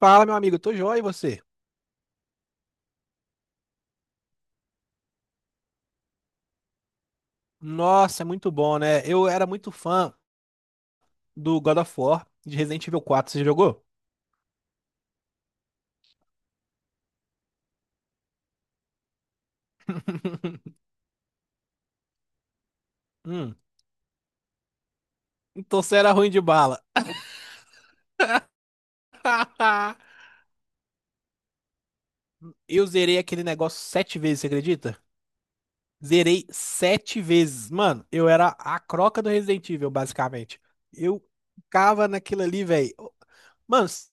Fala, meu amigo, tô joia e você? Nossa, é muito bom, né? Eu era muito fã do God of War de Resident Evil 4. Você jogou? Hum, então você era ruim de bala. Eu zerei aquele negócio 7 vezes, você acredita? Zerei 7 vezes. Mano, eu era a croca do Resident Evil, basicamente. Eu ficava naquilo ali, velho. Mano,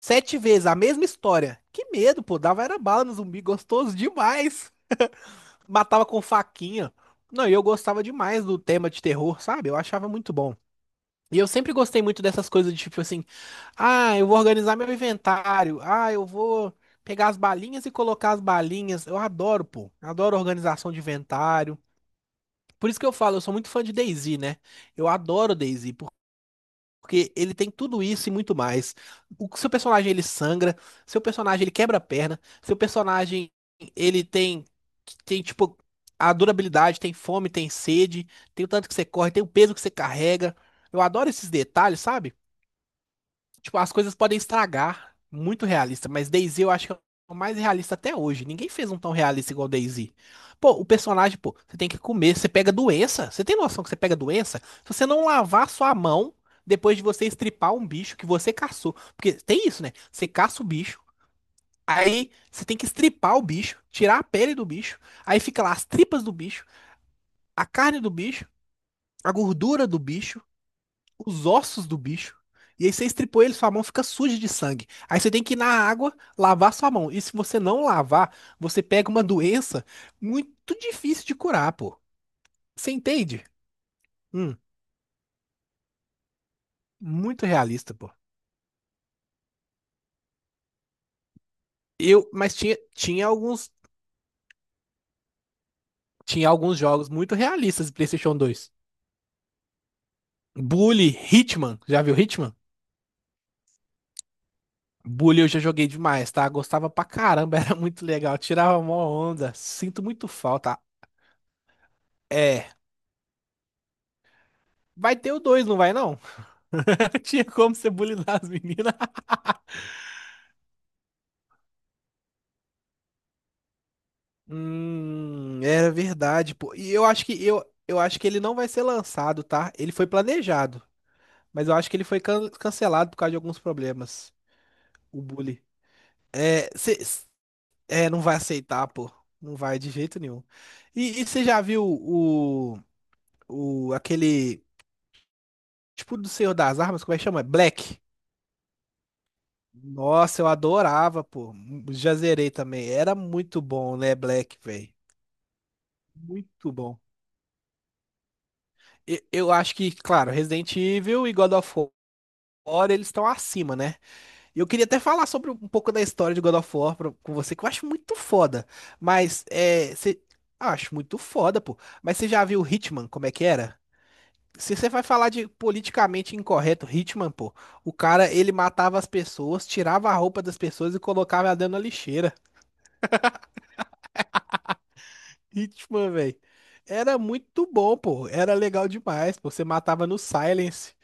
7 vezes, a mesma história. Que medo, pô. Dava era bala no zumbi, gostoso demais. Matava com faquinha. Não, e eu gostava demais do tema de terror, sabe? Eu achava muito bom. E eu sempre gostei muito dessas coisas de tipo assim, ah, eu vou organizar meu inventário, ah, eu vou pegar as balinhas e colocar as balinhas. Eu adoro, pô. Adoro organização de inventário. Por isso que eu falo, eu sou muito fã de DayZ, né? Eu adoro DayZ, porque ele tem tudo isso e muito mais. O seu personagem ele sangra, seu personagem ele quebra a perna, seu personagem ele tem tipo a durabilidade, tem fome, tem sede, tem o tanto que você corre, tem o peso que você carrega. Eu adoro esses detalhes, sabe? Tipo, as coisas podem estragar. Muito realista. Mas DayZ eu acho que é o mais realista até hoje. Ninguém fez um tão realista igual DayZ. Pô, o personagem, pô, você tem que comer. Você pega doença. Você tem noção que você pega doença? Se você não lavar sua mão depois de você estripar um bicho que você caçou. Porque tem isso, né? Você caça o bicho. Aí você tem que estripar o bicho, tirar a pele do bicho, aí fica lá as tripas do bicho, a carne do bicho, a gordura do bicho, os ossos do bicho. E aí você estripou ele, sua mão fica suja de sangue. Aí você tem que ir na água lavar sua mão. E se você não lavar, você pega uma doença muito difícil de curar, pô. Você entende? Hum, muito realista, pô. Mas tinha, tinha alguns jogos muito realistas do PlayStation 2. Bully, Hitman, já viu Hitman? Bully eu já joguei demais, tá? Gostava pra caramba, era muito legal, tirava mó onda. Sinto muito falta. É, vai ter o 2 não vai não? Não tinha como você bulinar as meninas. Era verdade, pô. E eu acho que eu acho que ele não vai ser lançado, tá? Ele foi planejado, mas eu acho que ele foi cancelado por causa de alguns problemas. O bully. É, cê, é, não vai aceitar, pô. Não vai de jeito nenhum. E você já viu o, aquele tipo do Senhor das Armas, como é que chama? Black. Nossa, eu adorava, pô. Já zerei também. Era muito bom, né, Black, velho? Muito bom. E- Eu acho que, claro, Resident Evil e God of War, eles estão acima, né? Eu queria até falar sobre um pouco da história de God of War pra- com você, que eu acho muito foda. Mas, é, cê- ah, acho muito foda, pô. Mas você já viu Hitman, como é que era? Se você vai falar de politicamente incorreto, Hitman, pô, o cara, ele matava as pessoas, tirava a roupa das pessoas e colocava ela dentro da lixeira. Hitman, velho. Era muito bom, pô. Era legal demais, pô. Você matava no Silence,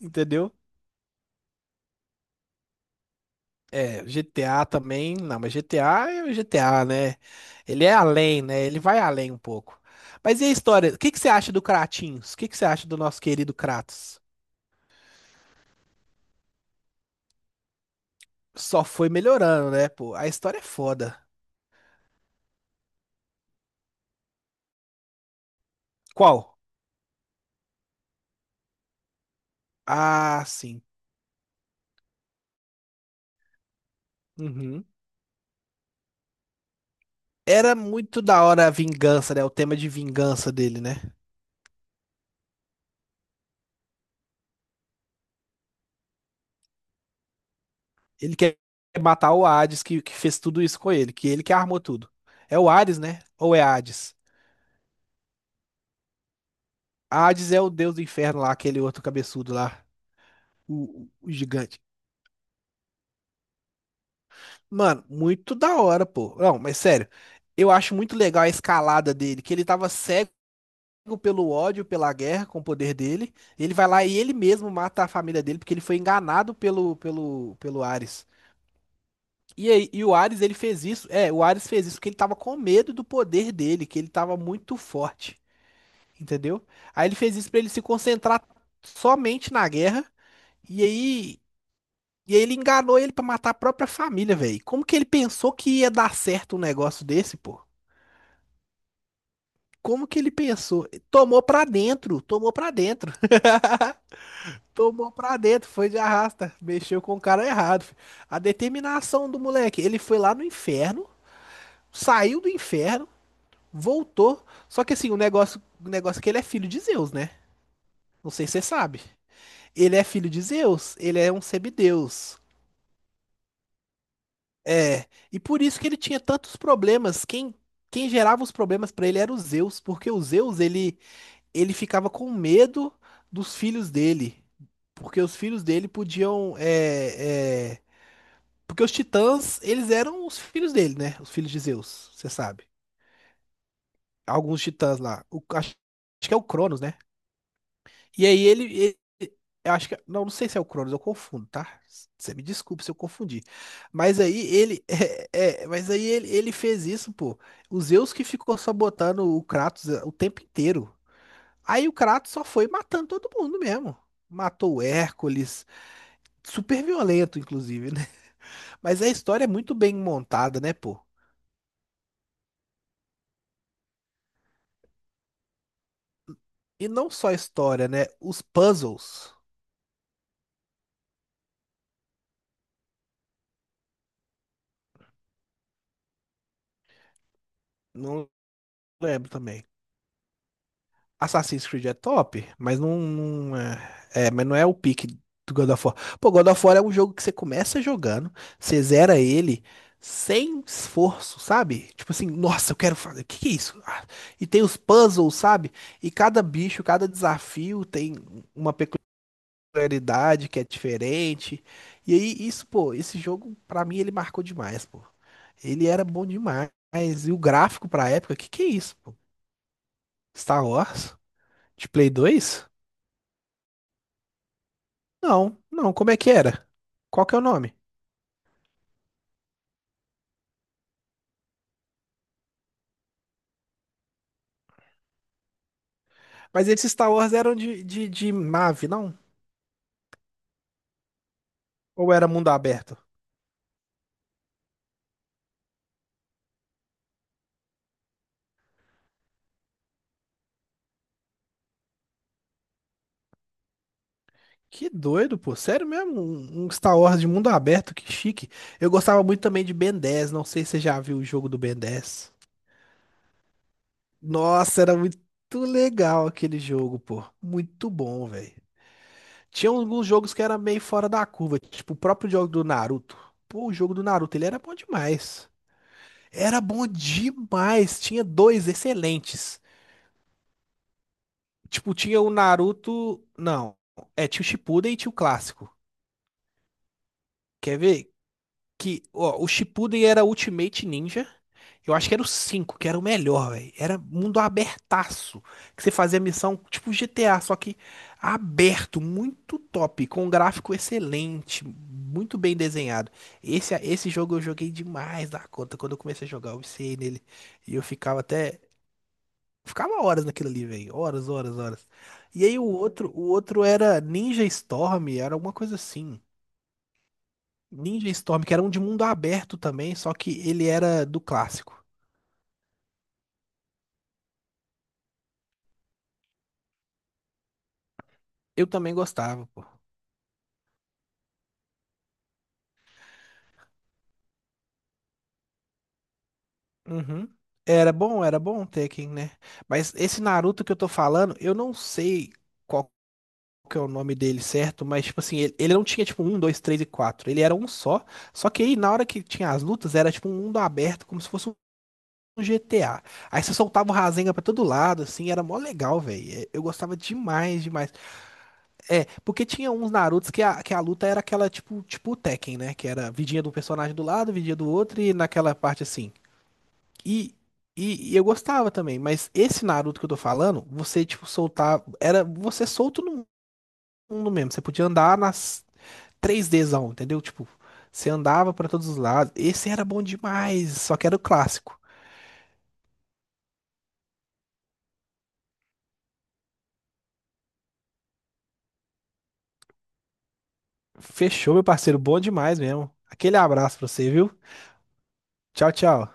entendeu? É, GTA também, não, mas GTA é o GTA, né? Ele é além, né? Ele vai além um pouco. Mas e a história? O que que você acha do Kratinhos? O que que você acha do nosso querido Kratos? Só foi melhorando, né, pô? A história é foda. Qual? Ah, sim. Uhum. Era muito da hora a vingança, né? O tema de vingança dele, né? Ele quer matar o Hades que fez tudo isso com ele que armou tudo. É o Hades, né? Ou é Hades? Hades é o deus do inferno lá, aquele outro cabeçudo lá. O gigante. Mano, muito da hora, pô. Não, mas sério, eu acho muito legal a escalada dele, que ele tava cego pelo ódio, pela guerra com o poder dele. Ele vai lá e ele mesmo mata a família dele porque ele foi enganado pelo Ares. E aí, e o Ares ele fez isso, é, o Ares fez isso porque ele tava com medo do poder dele, que ele tava muito forte, entendeu? Aí ele fez isso pra ele se concentrar somente na guerra. E aí E aí ele enganou ele pra matar a própria família, velho. Como que ele pensou que ia dar certo um negócio desse, pô? Como que ele pensou? Tomou pra dentro, tomou pra dentro. Tomou pra dentro, foi de arrasta. Mexeu com o cara errado. Fi. A determinação do moleque. Ele foi lá no inferno, saiu do inferno, voltou. Só que assim, o negócio é que ele é filho de Zeus, né? Não sei se você sabe. Ele é filho de Zeus, ele é um semideus. É, e por isso que ele tinha tantos problemas. Quem gerava os problemas pra ele era o Zeus, porque o Zeus ele, ele ficava com medo dos filhos dele, porque os filhos dele podiam, porque os titãs eles eram os filhos dele, né? Os filhos de Zeus, você sabe? Alguns titãs lá, acho, que é o Cronos, né? E aí eu acho que, não, não sei se é o Cronos, eu confundo, tá? Você me desculpa se eu confundi. Mas aí ele, mas aí ele fez isso, pô. O Zeus que ficou sabotando o Kratos é, o tempo inteiro. Aí o Kratos só foi matando todo mundo mesmo. Matou o Hércules, super violento, inclusive, né? Mas a história é muito bem montada, né, pô? E não só a história, né? Os puzzles, não lembro também. Assassin's Creed é top, mas mas não é o pique do God of War. Pô, God of War é um jogo que você começa jogando, você zera ele sem esforço, sabe? Tipo assim, nossa, eu quero fazer, o que que é isso? Ah, E tem os puzzles, sabe? E cada bicho, cada desafio tem uma peculiaridade que é diferente. E aí, isso, pô, esse jogo, pra mim, ele marcou demais, pô. Ele era bom demais. E o gráfico pra época, que é isso, pô? Star Wars? De Play 2? Não, não, como é que era? Qual que é o nome? Mas esses Star Wars eram de nave, não? Ou era mundo aberto? Que doido, pô. Sério mesmo? Um Star Wars de mundo aberto, que chique. Eu gostava muito também de Ben 10. Não sei se você já viu o jogo do Ben 10. Nossa, era muito legal aquele jogo, pô. Muito bom, velho. Tinha alguns jogos que era meio fora da curva, tipo o próprio jogo do Naruto. Pô, o jogo do Naruto, ele era bom demais. Era bom demais. Tinha dois excelentes. Tipo, tinha o Naruto. Não. É, tinha o Shippuden e tinha o clássico. Quer ver? Que, ó, o Shippuden era Ultimate Ninja. Eu acho que era o 5, que era o melhor, velho. Era mundo abertaço. Que você fazia missão tipo GTA, só que aberto, muito top, com um gráfico excelente, muito bem desenhado. Esse jogo eu joguei demais da conta. Quando eu comecei a jogar, eu viciei nele. E eu ficava até. Ficava horas naquilo ali, velho. Horas, horas, horas. E aí o outro era Ninja Storm, era alguma coisa assim. Ninja Storm, que era um de mundo aberto também, só que ele era do clássico. Eu também gostava, pô. Uhum. Era bom o Tekken, né? Mas esse Naruto que eu tô falando, eu não sei qual que é o nome dele certo, mas tipo assim, ele não tinha tipo um, dois, três e quatro. Ele era um só. Só que aí na hora que tinha as lutas, era tipo um mundo aberto, como se fosse no GTA. Aí você soltava o Rasengan pra todo lado, assim, era mó legal, velho. Eu gostava demais, demais. É, porque tinha uns Narutos que que a luta era aquela, tipo o Tekken, né? Que era vidinha de um personagem do lado, vidinha do outro, e naquela parte assim. E, e eu gostava também, mas esse Naruto que eu tô falando, você, tipo, soltava. Era você solto no mundo mesmo. Você podia andar nas 3Dzão, entendeu? Tipo, você andava pra todos os lados. Esse era bom demais, só que era o clássico. Fechou, meu parceiro. Bom demais mesmo. Aquele abraço pra você, viu? Tchau, tchau.